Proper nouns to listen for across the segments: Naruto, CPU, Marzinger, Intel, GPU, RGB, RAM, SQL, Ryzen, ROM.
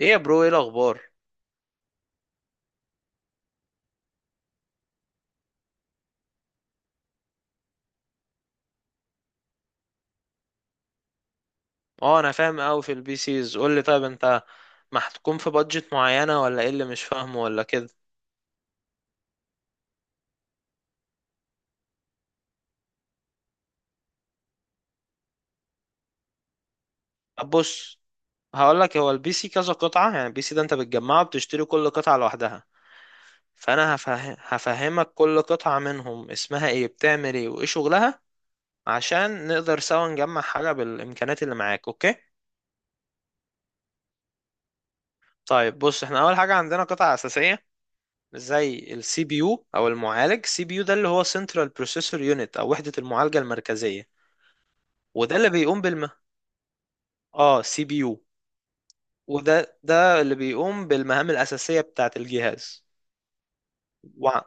ايه يا برو، ايه الاخبار؟ اه، انا فاهم قوي في البي سيز. قول لي، طيب انت محكوم في بادجت معينه ولا ايه اللي مش فاهمه، ولا كده؟ طب بص، هقول لك. هو البي سي كذا قطعه، يعني البي سي ده انت بتجمعه، بتشتري كل قطعه لوحدها. فانا هفهمك كل قطعه منهم اسمها ايه، بتعمل ايه، وايه شغلها، عشان نقدر سوا نجمع حاجه بالامكانيات اللي معاك. اوكي؟ طيب بص، احنا اول حاجه عندنا قطعه اساسيه زي السي بي يو او المعالج. سي بي يو ده اللي هو سنترال بروسيسور يونت او وحده المعالجه المركزيه. وده اللي بيقوم بالم اه سي بي يو وده اللي بيقوم بالمهام الأساسية بتاعة الجهاز. وع...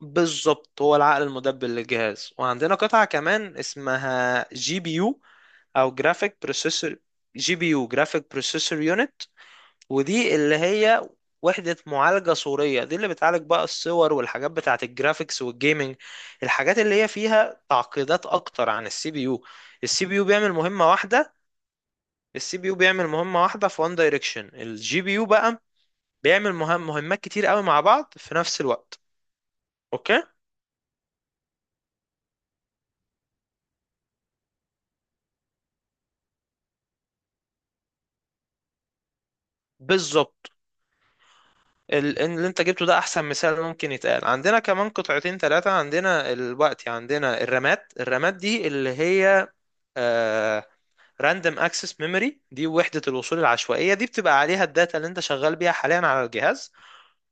بالظبط، هو العقل المدبر للجهاز. وعندنا قطعة كمان اسمها جي بي يو أو جرافيك بروسيسور. جي بي يو، جرافيك بروسيسور يونت، ودي اللي هي وحدة معالجة صورية. دي اللي بتعالج بقى الصور والحاجات بتاعة الجرافيكس والجيمنج، الحاجات اللي هي فيها تعقيدات أكتر عن السي بي يو. السي بي يو بيعمل مهمة واحدة السي بي يو بيعمل مهمة واحدة في وان دايركشن. الجي بي يو بقى بيعمل مهمات كتير قوي مع بعض في نفس الوقت. اوكي. بالظبط، اللي انت جبته ده احسن مثال ممكن يتقال. عندنا كمان قطعتين ثلاثة، عندنا الوقت، عندنا الرامات. الرامات دي اللي هي آه راندوم اكسس ميموري، دي وحدة الوصول العشوائية. دي بتبقى عليها الداتا اللي انت شغال بيها حاليا على الجهاز.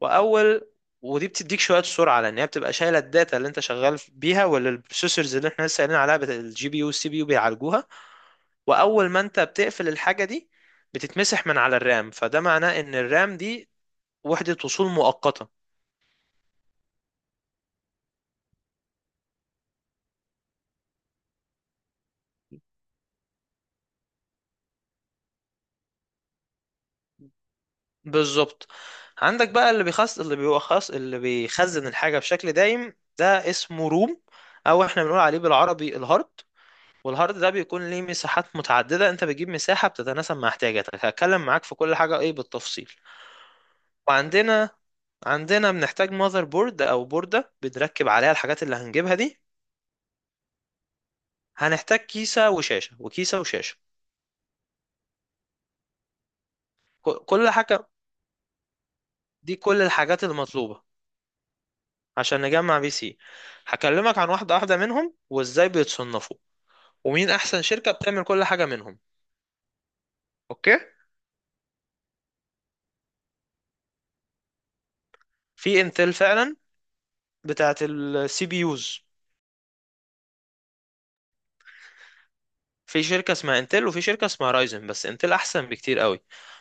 واول ودي بتديك شويه سرعه، لان هي بتبقى شايله الداتا اللي انت شغال بيها، ولا البروسيسورز اللي احنا لسه قايلين عليها الجي بي يو والسي بي يو بيعالجوها. واول ما انت بتقفل الحاجه دي بتتمسح من على الرام، فده معناه ان الرام دي وحده وصول مؤقته. بالظبط. عندك بقى اللي بيخص اللي بيخزن الحاجه بشكل دايم، ده اسمه روم، او احنا بنقول عليه بالعربي الهارد. والهارد ده بيكون ليه مساحات متعدده، انت بتجيب مساحه بتتناسب مع احتياجاتك. هتكلم معاك في كل حاجه ايه بالتفصيل. وعندنا عندنا بنحتاج ماذر بورد او بوردة بنركب عليها الحاجات اللي هنجيبها دي. هنحتاج كيسة وشاشة، وكيسة وشاشة. كل حاجة دي كل الحاجات المطلوبة عشان نجمع بي سي. هكلمك عن واحدة واحدة منهم وازاي بيتصنفوا ومين احسن شركة بتعمل كل حاجة منهم. اوكي، في انتل فعلا، بتاعت السي بي يوز. في شركة اسمها انتل وفي شركة اسمها رايزن، بس انتل احسن بكتير قوي.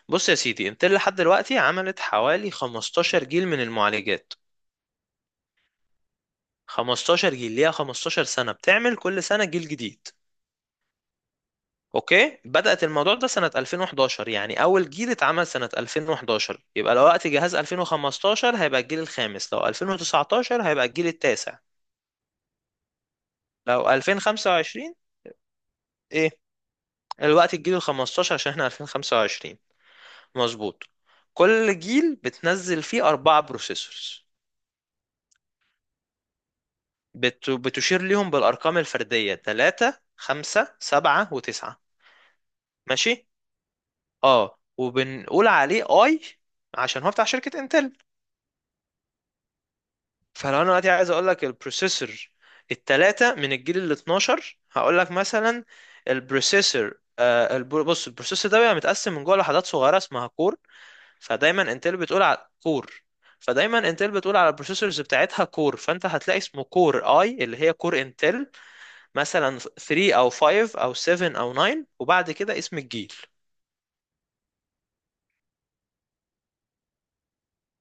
بص يا سيدي، انتل لحد دلوقتي عملت حوالي 15 جيل من المعالجات. 15 جيل، ليها 15 سنة بتعمل كل سنة جيل جديد. اوكي، بدأت الموضوع ده سنة 2011، يعني اول جيل اتعمل سنة 2011. يبقى لو وقت جهاز 2015 هيبقى الجيل الخامس، لو 2019 هيبقى الجيل التاسع، لو 2025 ايه؟ الوقت الجيل ال 15 عشان احنا 2025. مظبوط. كل جيل بتنزل فيه أربعة بروسيسورز، بتشير ليهم بالأرقام الفردية 3 5 7 و9. ماشي. اه، وبنقول عليه اي عشان هو بتاع شركة انتل. فلو انا دلوقتي عايز اقول لك البروسيسور التلاتة من الجيل ال 12 هقول لك مثلا البروسيسور آه، بص، البروسيسور ده بيبقى متقسم من جوه لحدات صغيرة اسمها كور. فدايما انتل بتقول على كور، فدايما انتل بتقول على البروسيسورز بتاعتها كور. فانت هتلاقي اسمه كور اي، اللي هي كور انتل، مثلا 3 او 5 او 7 او 9، وبعد كده اسم الجيل.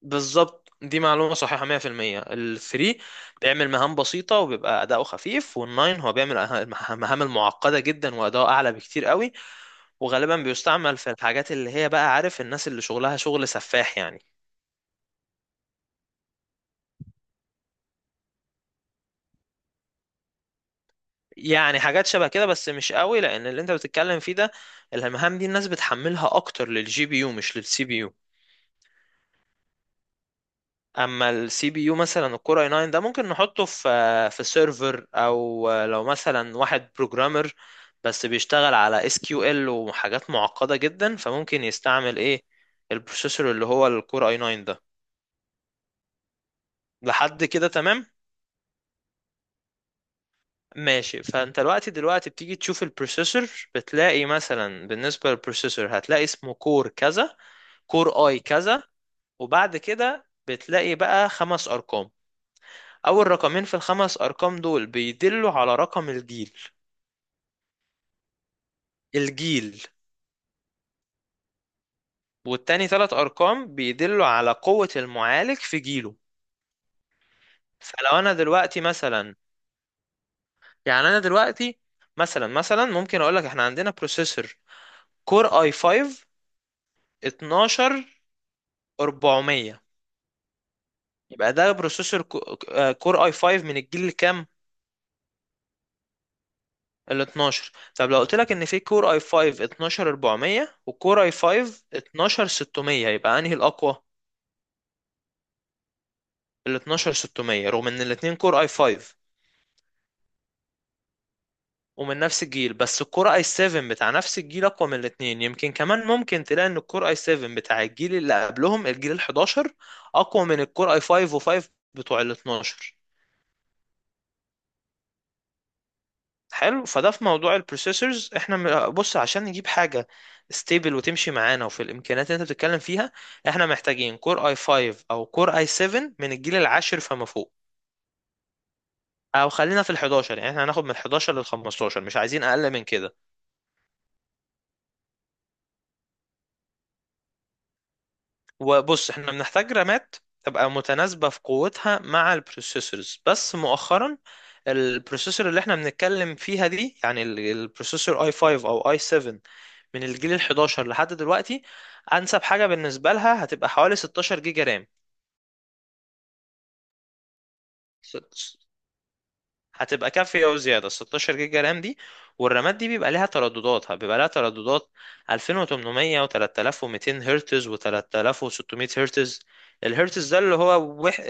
بالظبط، دي معلومة صحيحة 100%. الثري بيعمل مهام بسيطة وبيبقى أداؤه خفيف، والناين هو بيعمل مهام المعقدة جدا وأداؤه أعلى بكتير قوي. وغالبا بيستعمل في الحاجات اللي هي بقى عارف، الناس اللي شغلها شغل سفاح يعني. يعني حاجات شبه كده بس مش قوي، لأن اللي أنت بتتكلم فيه ده المهام دي الناس بتحملها أكتر للجي بي يو مش للسي بي يو. اما السي بي يو مثلا الكور اي 9 ده ممكن نحطه في سيرفر، او لو مثلا واحد بروجرامر بس بيشتغل على اس كيو ال وحاجات معقده جدا، فممكن يستعمل ايه؟ البروسيسور اللي هو الكور اي 9 ده. لحد كده تمام، ماشي. فانت دلوقتي بتيجي تشوف البروسيسور، بتلاقي مثلا بالنسبه للبروسيسور هتلاقي اسمه كور كذا، كور اي كذا. وبعد كده بتلاقي بقى خمس ارقام. أول رقمين في الخمس أرقام دول بيدلوا على رقم الجيل، الجيل. والتاني تلات أرقام بيدلوا على قوة المعالج في جيله. فلو أنا دلوقتي مثلا، يعني أنا دلوقتي، مثلا ممكن أقولك إحنا عندنا بروسيسور كور أي 5 12 400. يبقى ده بروسيسور كور أي 5 من الجيل الكام؟ ال 12. طب لو قلت لك ان في كور اي 5 12400 وكور اي 5 12600 يبقى انهي الاقوى؟ ال 12 600، رغم ان الاتنين كور اي 5 ومن نفس الجيل. بس الكور اي 7 بتاع نفس الجيل اقوى من الاتنين. يمكن كمان ممكن تلاقي ان الكور اي 7 بتاع الجيل اللي قبلهم، الجيل ال 11، اقوى من الكور اي 5 و5 بتوع ال 12. حلو. فده في موضوع البروسيسورز. احنا بص، عشان نجيب حاجه ستيبل وتمشي معانا وفي الامكانيات اللي انت بتتكلم فيها، احنا محتاجين كور اي 5 او كور اي 7 من الجيل العاشر فما فوق، او خلينا في ال 11. يعني احنا هناخد من 11 لل 15، مش عايزين اقل من كده. وبص، احنا بنحتاج رامات تبقى متناسبة في قوتها مع البروسيسورز. بس مؤخرا البروسيسور اللي احنا بنتكلم فيها دي، يعني البروسيسور اي 5 او اي 7 من الجيل ال 11 لحد دلوقتي، انسب حاجة بالنسبة لها هتبقى حوالي 16 جيجا رام. ست- هتبقى كافية وزيادة 16 جيجا رام دي. والرامات دي بيبقى لها ترددات 2800 و3200 هرتز و3600 هرتز. الهرتز ده اللي هو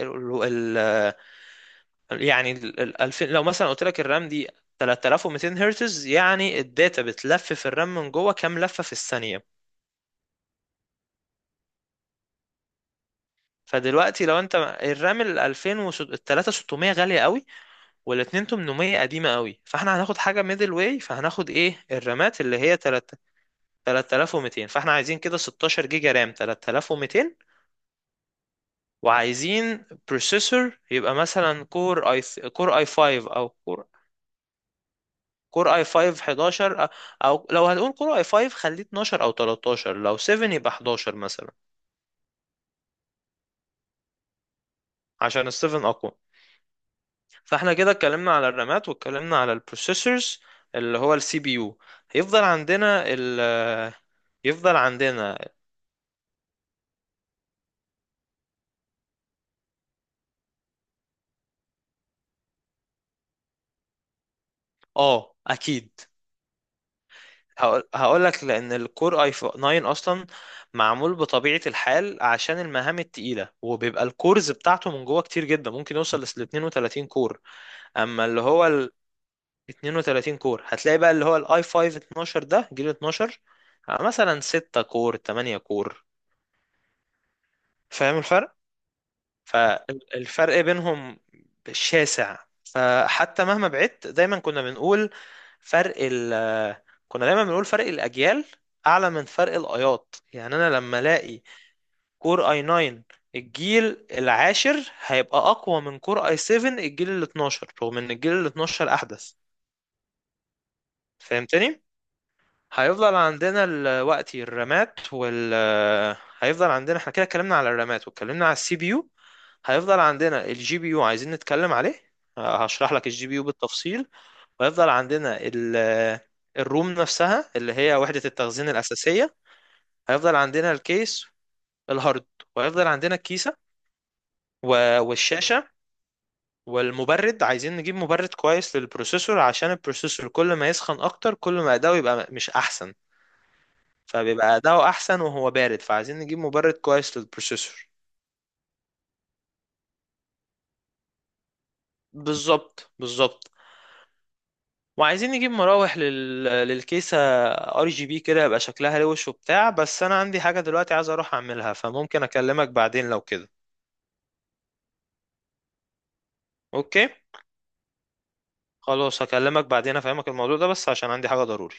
يعني 2000، لو مثلا قلت لك الرام دي 3200 هرتز يعني الداتا بتلف في الرام من جوه كام لفة في الثانية. فدلوقتي لو انت، الرام ال 2000 و ال 3600 غالية قوي، وال 2800 قديمة قوي، فاحنا هناخد حاجة ميدل واي، فهناخد ايه؟ الرامات اللي هي 3 3200. فاحنا عايزين كده 16 جيجا رام 3200، وعايزين بروسيسور يبقى مثلا كور اي 5 او كور اي 5 11 او لو هنقول كور اي 5 خليه 12 او 13، لو 7 يبقى 11 مثلا، عشان ال 7 اقوى. فاحنا كده اتكلمنا على الرامات واتكلمنا على البروسيسورز اللي هو السي بي يو. هيفضل عندنا ال يفضل عندنا. اه اكيد، هقول لك، لان الكور اي 9 اصلا معمول بطبيعه الحال عشان المهام التقيله، وبيبقى الكورز بتاعته من جوه كتير جدا ممكن يوصل ل 32 كور. اما اللي هو 32 كور هتلاقي بقى اللي هو الاي 5 12 ده جيل 12، آه، مثلا 6 كور 8 كور. فاهم الفرق؟ فالفرق بينهم شاسع. فحتى مهما بعدت، دايما كنا بنقول فرق ال كنا دايما بنقول فرق الاجيال اعلى من فرق الايات. يعني انا لما الاقي كور اي 9 الجيل العاشر هيبقى اقوى من كور اي 7 الجيل ال 12 رغم ان الجيل ال 12 احدث. فهمتني؟ هيفضل عندنا الوقت الرامات وال هيفضل عندنا، احنا كده اتكلمنا على الرامات واتكلمنا على السي بي يو. هيفضل عندنا الجي بي يو عايزين نتكلم عليه، هشرح لك الجي بي يو بالتفصيل. وهيفضل عندنا الروم نفسها اللي هي وحدة التخزين الأساسية. هيفضل عندنا الكيس الهارد. وهيفضل عندنا الكيسة والشاشة والمبرد. عايزين نجيب مبرد كويس للبروسيسور، عشان البروسيسور كل ما يسخن أكتر كل ما أداؤه يبقى مش أحسن. فبيبقى أداؤه أحسن وهو بارد، فعايزين نجيب مبرد كويس للبروسيسور. بالظبط، بالظبط. وعايزين نجيب مراوح للكيسة ار جي بي كده يبقى شكلها روش وبتاع. بس أنا عندي حاجة دلوقتي عايز أروح أعملها، فممكن أكلمك بعدين لو كده. أوكي. خلاص، هكلمك بعدين أفهمك الموضوع ده بس عشان عندي حاجة ضروري.